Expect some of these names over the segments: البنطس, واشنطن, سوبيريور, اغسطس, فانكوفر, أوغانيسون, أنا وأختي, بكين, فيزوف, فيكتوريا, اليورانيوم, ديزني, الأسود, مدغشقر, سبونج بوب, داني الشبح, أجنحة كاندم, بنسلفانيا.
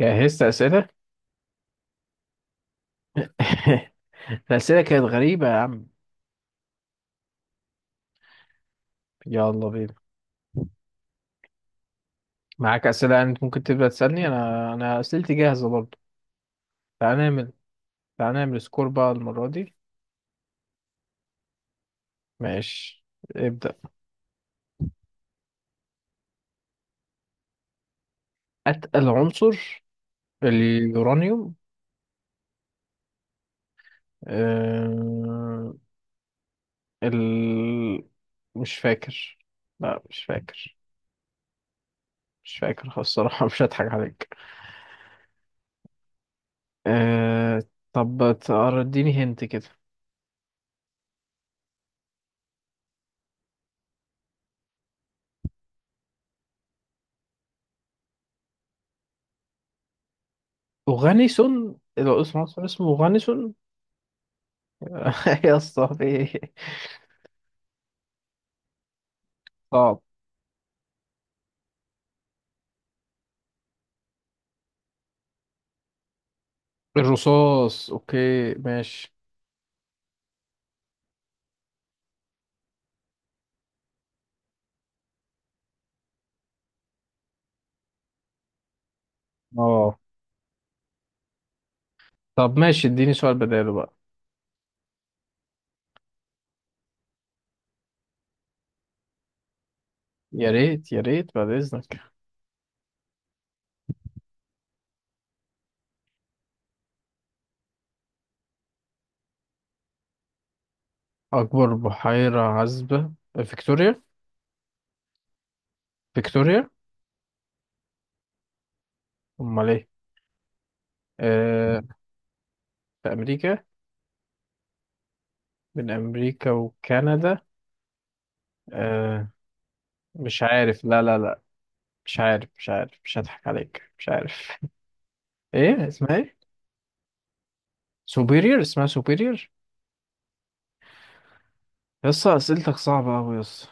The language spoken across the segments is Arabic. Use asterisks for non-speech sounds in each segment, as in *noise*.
جهزت أسئلة؟ *laughs* الأسئلة كانت غريبة يا عم. يلا بينا. معاك أسئلة يعني أنت ممكن تبدأ تسألني، أنا أسئلتي جاهزة برضه. تعال نعمل، تعال نعمل سكور بقى المرة دي. ماشي، ابدأ. أتقل عنصر؟ اليورانيوم. أه... ال... مش فاكر، لا مش فاكر، مش فاكر خالص الصراحة. *laughs* مش هضحك عليك. أه... طب اديني هنت كده. أوغانيسون؟ العنصر اسمه أوغانيسون؟ *laughs* يا اسطى في إيه؟ صعب. الرصاص، اوكي ماشي. اه. طب ماشي، اديني سؤال بداله بقى. يا ريت يا ريت بعد اذنك. اكبر بحيرة عذبة؟ فيكتوريا. فيكتوريا. امال ايه؟ آه، في امريكا؟ بين امريكا وكندا؟ آه. مش عارف، لا لا لا، مش عارف، مش عارف، مش هضحك عليك، مش عارف. *laughs* ايه اسمها، ايه؟ سوبيريور؟ اسمها سوبيريور. يسطا اسئلتك صعبة اوي يسطا.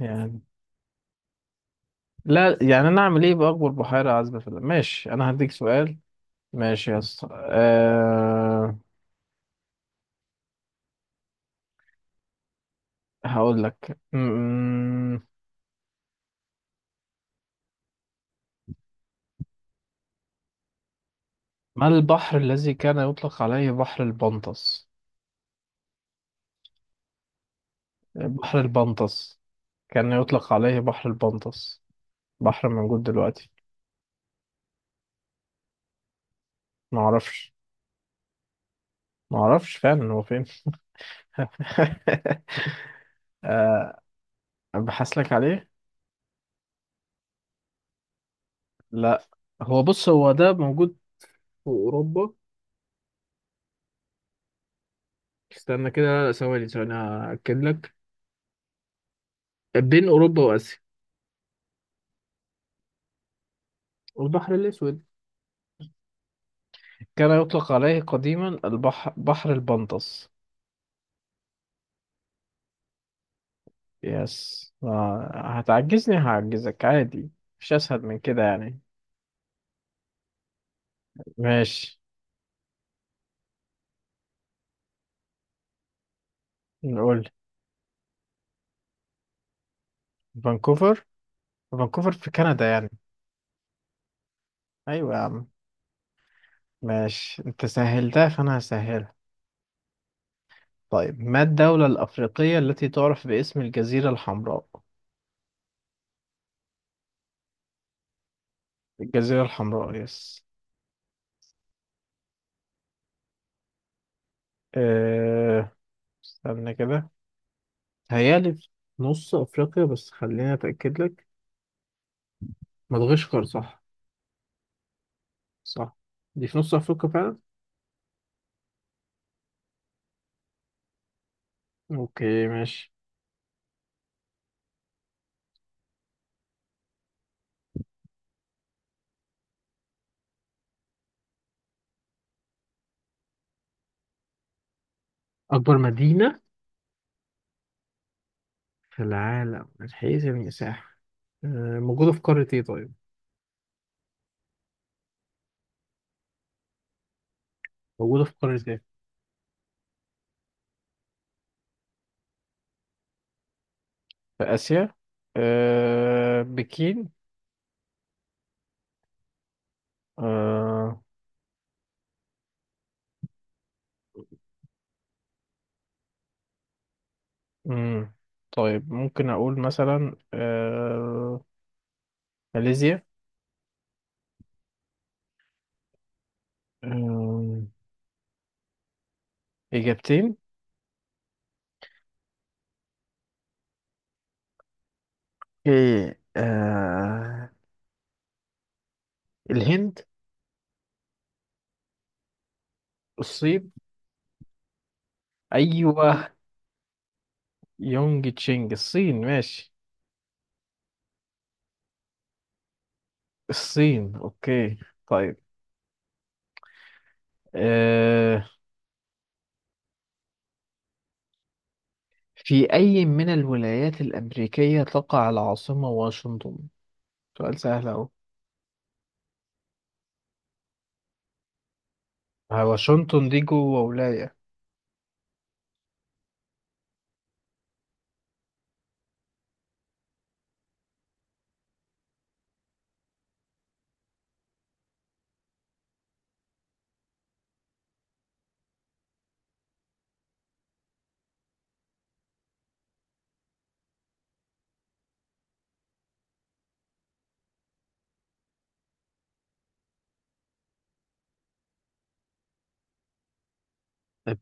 يعني، لا يعني انا اعمل ايه باكبر بحيره عذبه في العالم. ماشي، انا هديك سؤال. ماشي يا اسطى. هقول لك ما البحر الذي كان يطلق عليه بحر البنطس؟ بحر البنطس، كان يطلق عليه بحر البنطس، بحر موجود دلوقتي. ما اعرفش؟ ما اعرفش فعلا هو فين. *laughs* ابحث لك عليه. لا، هو بص، هو ده موجود في اوروبا. استنى كده، ثواني ثواني هاكد لك. بين اوروبا واسيا. البحر الأسود، كان يطلق عليه قديما البحر بحر البنطس. يس. هتعجزني، هعجزك عادي، مش أسهل من كده يعني. ماشي، نقول. فانكوفر؟ فانكوفر في كندا يعني. أيوة يا عم. ماشي، أنت سهلتها فأنا هسهلها. طيب، ما الدولة الأفريقية التي تعرف باسم الجزيرة الحمراء؟ الجزيرة الحمراء، يس. أه... استنى كده، هيالي في نص أفريقيا، بس خليني أتأكد لك. مدغشقر صح. صح، دي في نص أفريقيا فعلا. أوكي ماشي. أكبر مدينة في العالم من حيث المساحة. آه، موجودة في قارة إيه طيب؟ موجودة في قارة إيه؟ في آسيا؟ أه، بكين. أه. مم. طيب، ممكن أقول مثلا أه ماليزيا. أه. إجابتين؟ إيه، أه، الهند. الصين. أيوه. يونج تشينج؟ الصين، ماشي. الصين، أوكي. طيب، آه، في أي من الولايات الأمريكية تقع العاصمة واشنطن؟ سؤال سهل أهو. آه، واشنطن دي جوه ولاية.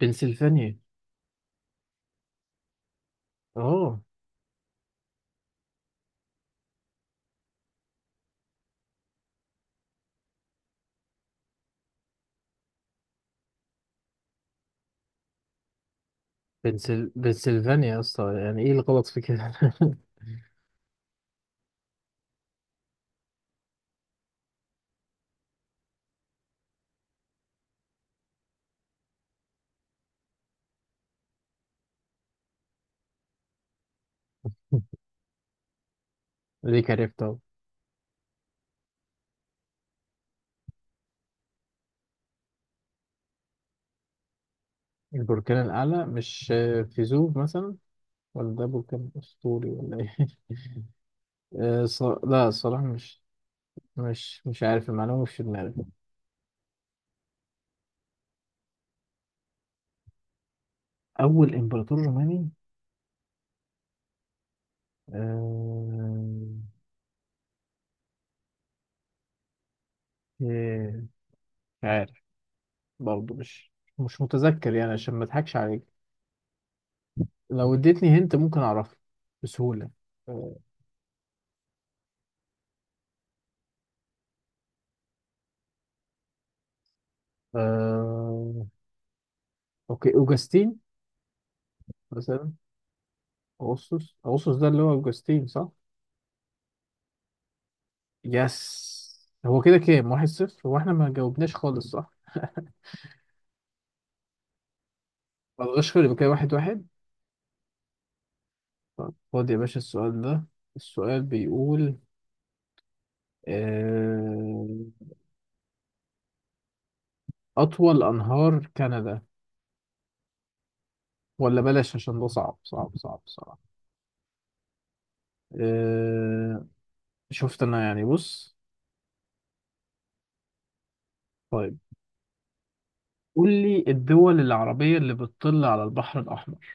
بنسلفانيا. اه. بنسلفانيا يا اسطى، يعني ايه الغلط في كده؟ *laughs* ليه عرفتها؟ البركان الأعلى، مش فيزوف مثلا، ولا ده بركان أسطوري ولا ايه؟ *laughs* لا الصراحة مش، مش عارف، المعلومة مش في دماغي. أول إمبراطور روماني. آه، آه، مش عارف، برضه مش متذكر يعني، عشان ما اضحكش عليك. لو اديتني هنت ممكن اعرفه بسهولة. آه... آه، اوكي، اوجستين مثلا. اغسطس، اغسطس ده اللي هو اوجستين صح. يس. هو كده كام؟ واحد صفر؟ هو احنا ما جاوبناش خالص صح؟ ما بلغش، يبقى كده واحد واحد. طب خد يا باشا السؤال ده، السؤال بيقول آه... اطول انهار كندا، ولا بلاش عشان ده صعب صعب صعب صعب. آه... شفت انا، يعني بص. طيب، قول لي الدول العربية اللي بتطل على البحر الأحمر.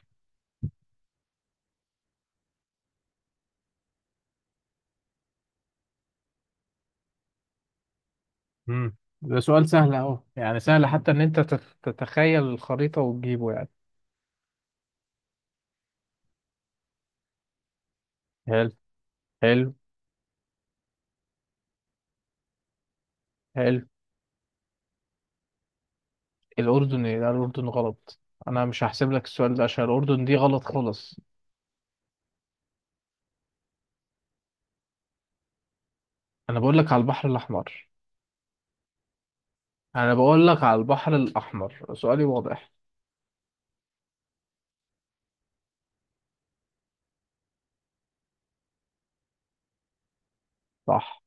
مم. ده سؤال سهل أهو، يعني سهل حتى إن أنت تتخيل الخريطة وتجيبه يعني. حلو، حلو. حلو. الأردن إيه؟ لا الأردن غلط، أنا مش هحسب لك السؤال ده عشان الأردن دي غلط خالص. أنا بقول لك على البحر الأحمر. أنا بقول لك على البحر الأحمر، سؤالي واضح. صح.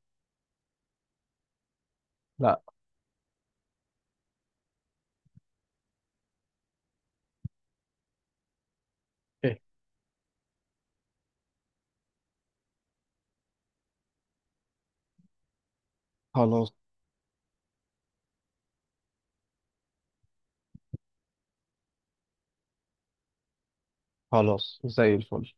لا. إيه؟ خلاص. خلاص زي الفل.